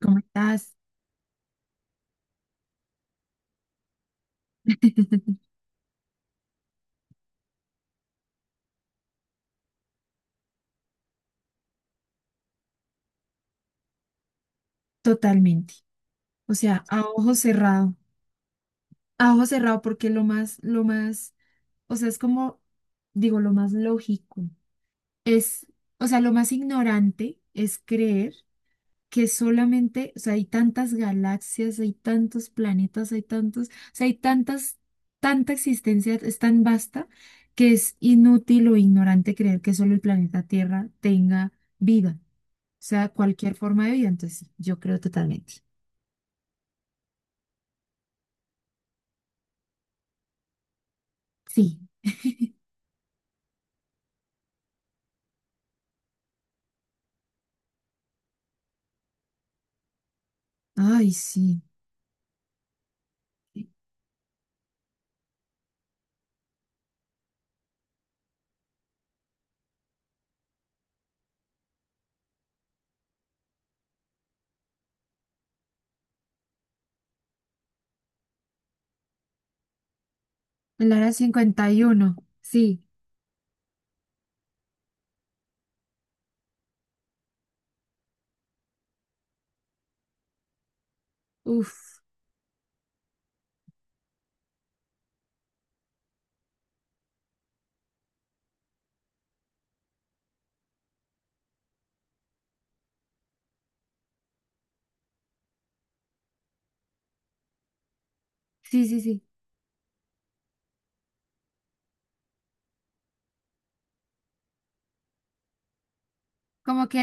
¿Cómo estás? Totalmente. O sea, a ojo cerrado. A ojo cerrado porque lo más, o sea, es como, digo, lo más lógico. Es, o sea, lo más ignorante es creer, que solamente, o sea, hay tantas galaxias, hay tantos planetas, hay tantos, o sea, hay tantas, tanta existencia, es tan vasta que es inútil o ignorante creer que solo el planeta Tierra tenga vida, o sea, cualquier forma de vida. Entonces, sí, yo creo totalmente. Sí, ay, sí. El área 51, sí. Uff, sí, sí, sí. Como que,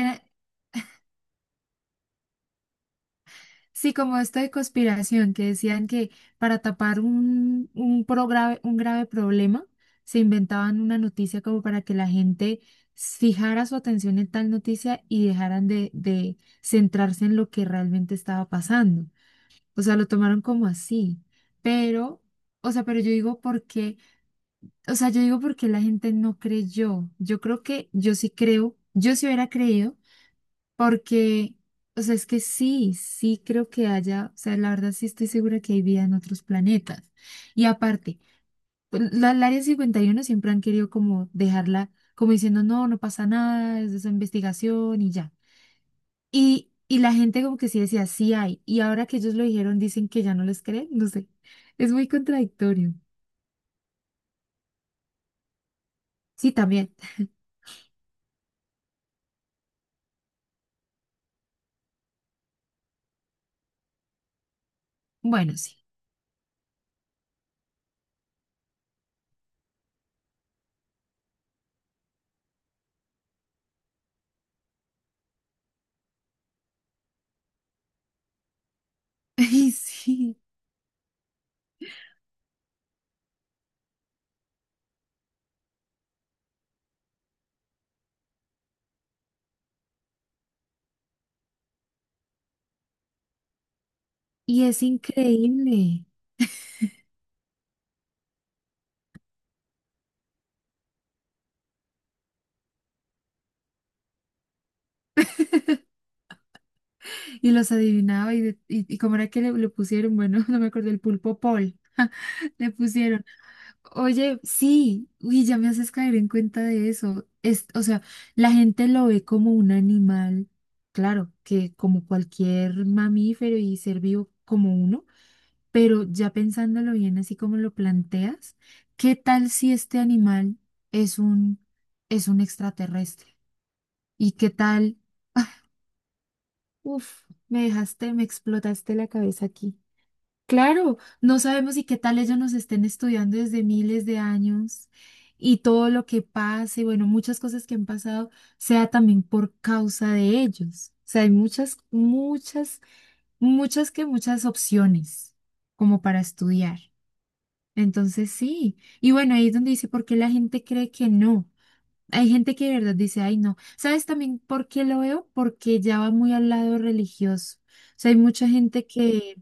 sí, como esto de conspiración, que decían que para tapar un grave, un grave problema, se inventaban una noticia como para que la gente fijara su atención en tal noticia y dejaran de centrarse en lo que realmente estaba pasando. O sea, lo tomaron como así. Pero, o sea, pero yo digo porque, o sea, yo digo porque la gente no creyó. Yo creo que yo sí creo, yo sí hubiera creído porque, o sea, es que sí, sí creo que haya, o sea, la verdad sí estoy segura que hay vida en otros planetas. Y aparte, pues, la, el Área 51 siempre han querido como dejarla, como diciendo, no, no pasa nada, es de esa investigación y ya. Y la gente como que sí decía, sí hay. Y ahora que ellos lo dijeron, dicen que ya no les creen, no sé. Es muy contradictorio. Sí, también. Bueno, sí. Ay, sí. Y es increíble. Y los adivinaba y, de- y cómo era que le pusieron, bueno, no me acuerdo, el pulpo Paul. Le pusieron, oye, sí, uy, ya me haces caer en cuenta de eso. Es, o sea, la gente lo ve como un animal, claro, que como cualquier mamífero y ser vivo como uno, pero ya pensándolo bien, así como lo planteas, ¿qué tal si este animal es un, es un extraterrestre? ¿Y qué tal? Uf, me dejaste, me explotaste la cabeza aquí. Claro, no sabemos, y qué tal ellos nos estén estudiando desde miles de años y todo lo que pase, bueno, muchas cosas que han pasado, sea también por causa de ellos. O sea, hay muchas, muchas, muchas que muchas opciones como para estudiar. Entonces, sí. Y bueno, ahí es donde dice, ¿por qué la gente cree que no? Hay gente que de verdad dice, ay, no. ¿Sabes también por qué lo veo? Porque ya va muy al lado religioso. O sea, hay mucha gente que,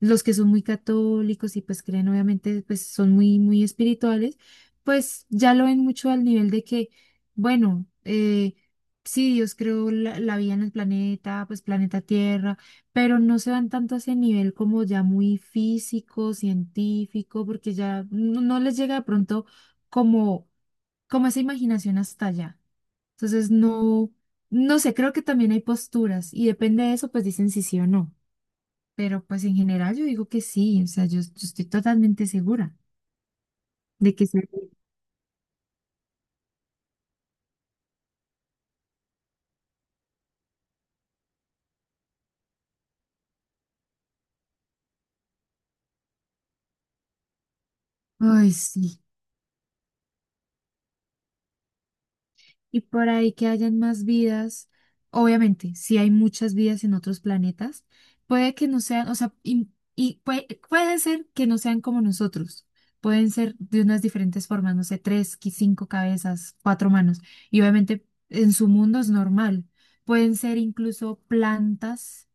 los que son muy católicos y pues creen, obviamente, pues son muy, muy espirituales, pues ya lo ven mucho al nivel de que, bueno, sí, Dios creó la vida en el planeta, pues planeta Tierra, pero no se van tanto a ese nivel como ya muy físico, científico, porque ya no les llega de pronto como como esa imaginación hasta allá. Entonces, no, no sé, creo que también hay posturas y depende de eso, pues dicen si sí o no. Pero pues en general yo digo que sí, o sea, yo estoy totalmente segura de que sí. Ay, sí. Y por ahí que hayan más vidas, obviamente, si hay muchas vidas en otros planetas, puede que no sean, o sea, y, y puede ser que no sean como nosotros, pueden ser de unas diferentes formas, no sé, tres, qui- cinco cabezas, cuatro manos, y obviamente en su mundo es normal, pueden ser incluso plantas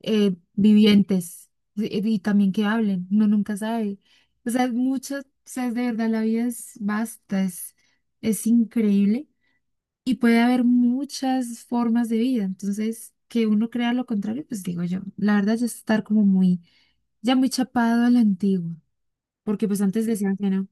vivientes y también que hablen, uno nunca sabe. O sea, mucho, o sea, de verdad, la vida es vasta, es increíble. Y puede haber muchas formas de vida. Entonces, que uno crea lo contrario, pues digo yo, la verdad ya es estar como muy, ya muy chapado a la antigua, porque pues antes decían que no.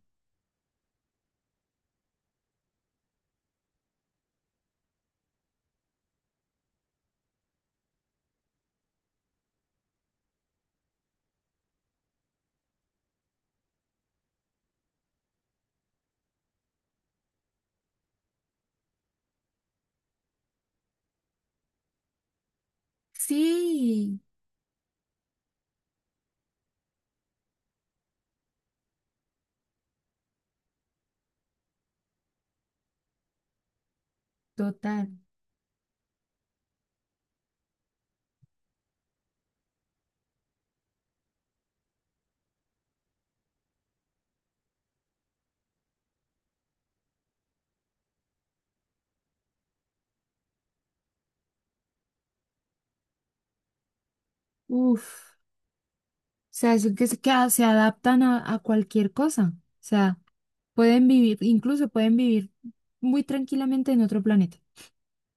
Sí, total. Uf, o sea, es que, se que a- se adaptan a cualquier cosa. O sea, pueden vivir, incluso pueden vivir muy tranquilamente en otro planeta.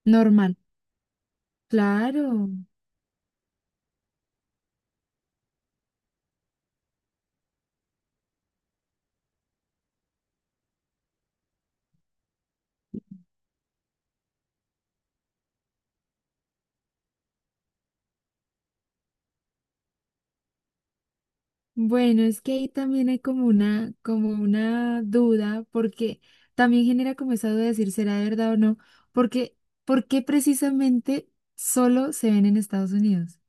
Normal. Claro. Bueno, es que ahí también hay como una duda, porque también genera como esa duda de decir, ¿será de verdad o no? Porque, ¿por qué precisamente solo se ven en Estados Unidos?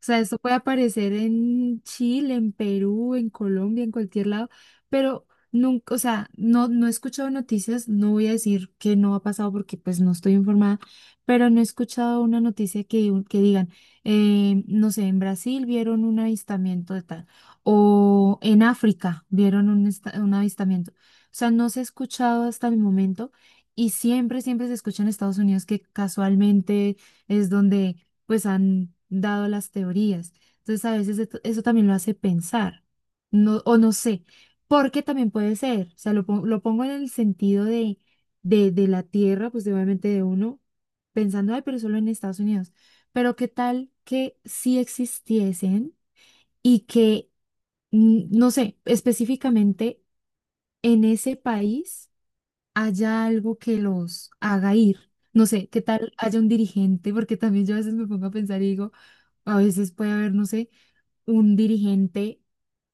O sea, esto puede aparecer en Chile, en Perú, en Colombia, en cualquier lado, pero nunca, o sea, no, no he escuchado noticias, no voy a decir que no ha pasado porque pues no estoy informada, pero no he escuchado una noticia que digan, no sé, en Brasil vieron un avistamiento de tal o en África vieron un, esta- un avistamiento. O sea, no se ha escuchado hasta el momento y siempre, siempre se escucha en Estados Unidos que casualmente es donde pues han dado las teorías. Entonces a veces esto- eso también lo hace pensar, no, o no sé, porque también puede ser, o sea, lo, pon- lo pongo en el sentido de la tierra, pues de, obviamente de uno, pensando, ay, pero solo en Estados Unidos. Pero qué tal que sí existiesen y que n- no sé, específicamente en ese país haya algo que los haga ir. No sé, qué tal haya un dirigente, porque también yo a veces me pongo a pensar y digo, a veces puede haber, no sé, un dirigente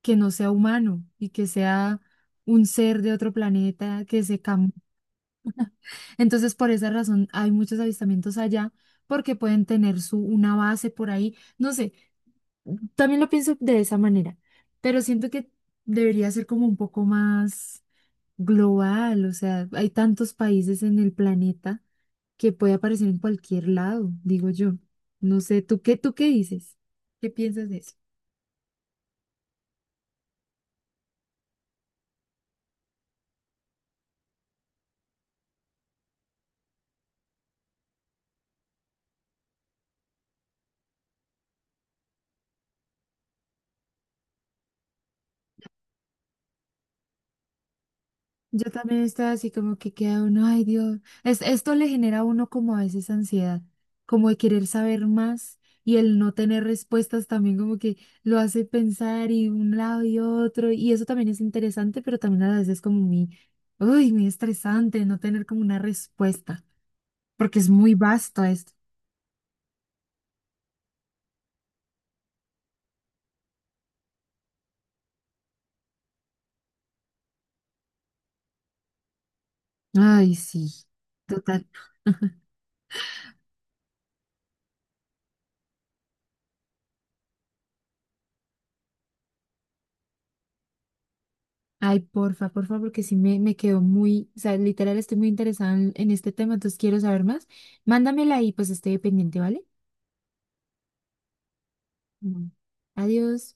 que no sea humano y que sea un ser de otro planeta que se cambie. Entonces, por esa razón hay muchos avistamientos allá porque pueden tener su una base por ahí. No sé, también lo pienso de esa manera, pero siento que debería ser como un poco más global, o sea, hay tantos países en el planeta que puede aparecer en cualquier lado, digo yo. No sé, tú qué dices? ¿Qué piensas de eso? Yo también estaba así como que queda uno, ay, Dios, es, esto le genera a uno como a veces ansiedad, como de querer saber más y el no tener respuestas también como que lo hace pensar y un lado y otro, y eso también es interesante, pero también a veces es como muy, uy, muy estresante no tener como una respuesta, porque es muy vasto esto. Ay, sí, total. Ay, porfa, porfa, porque sí me quedó muy, o sea, literal estoy muy interesada en este tema, entonces quiero saber más. Mándamela y pues estoy pendiente, ¿vale? Mm. Adiós.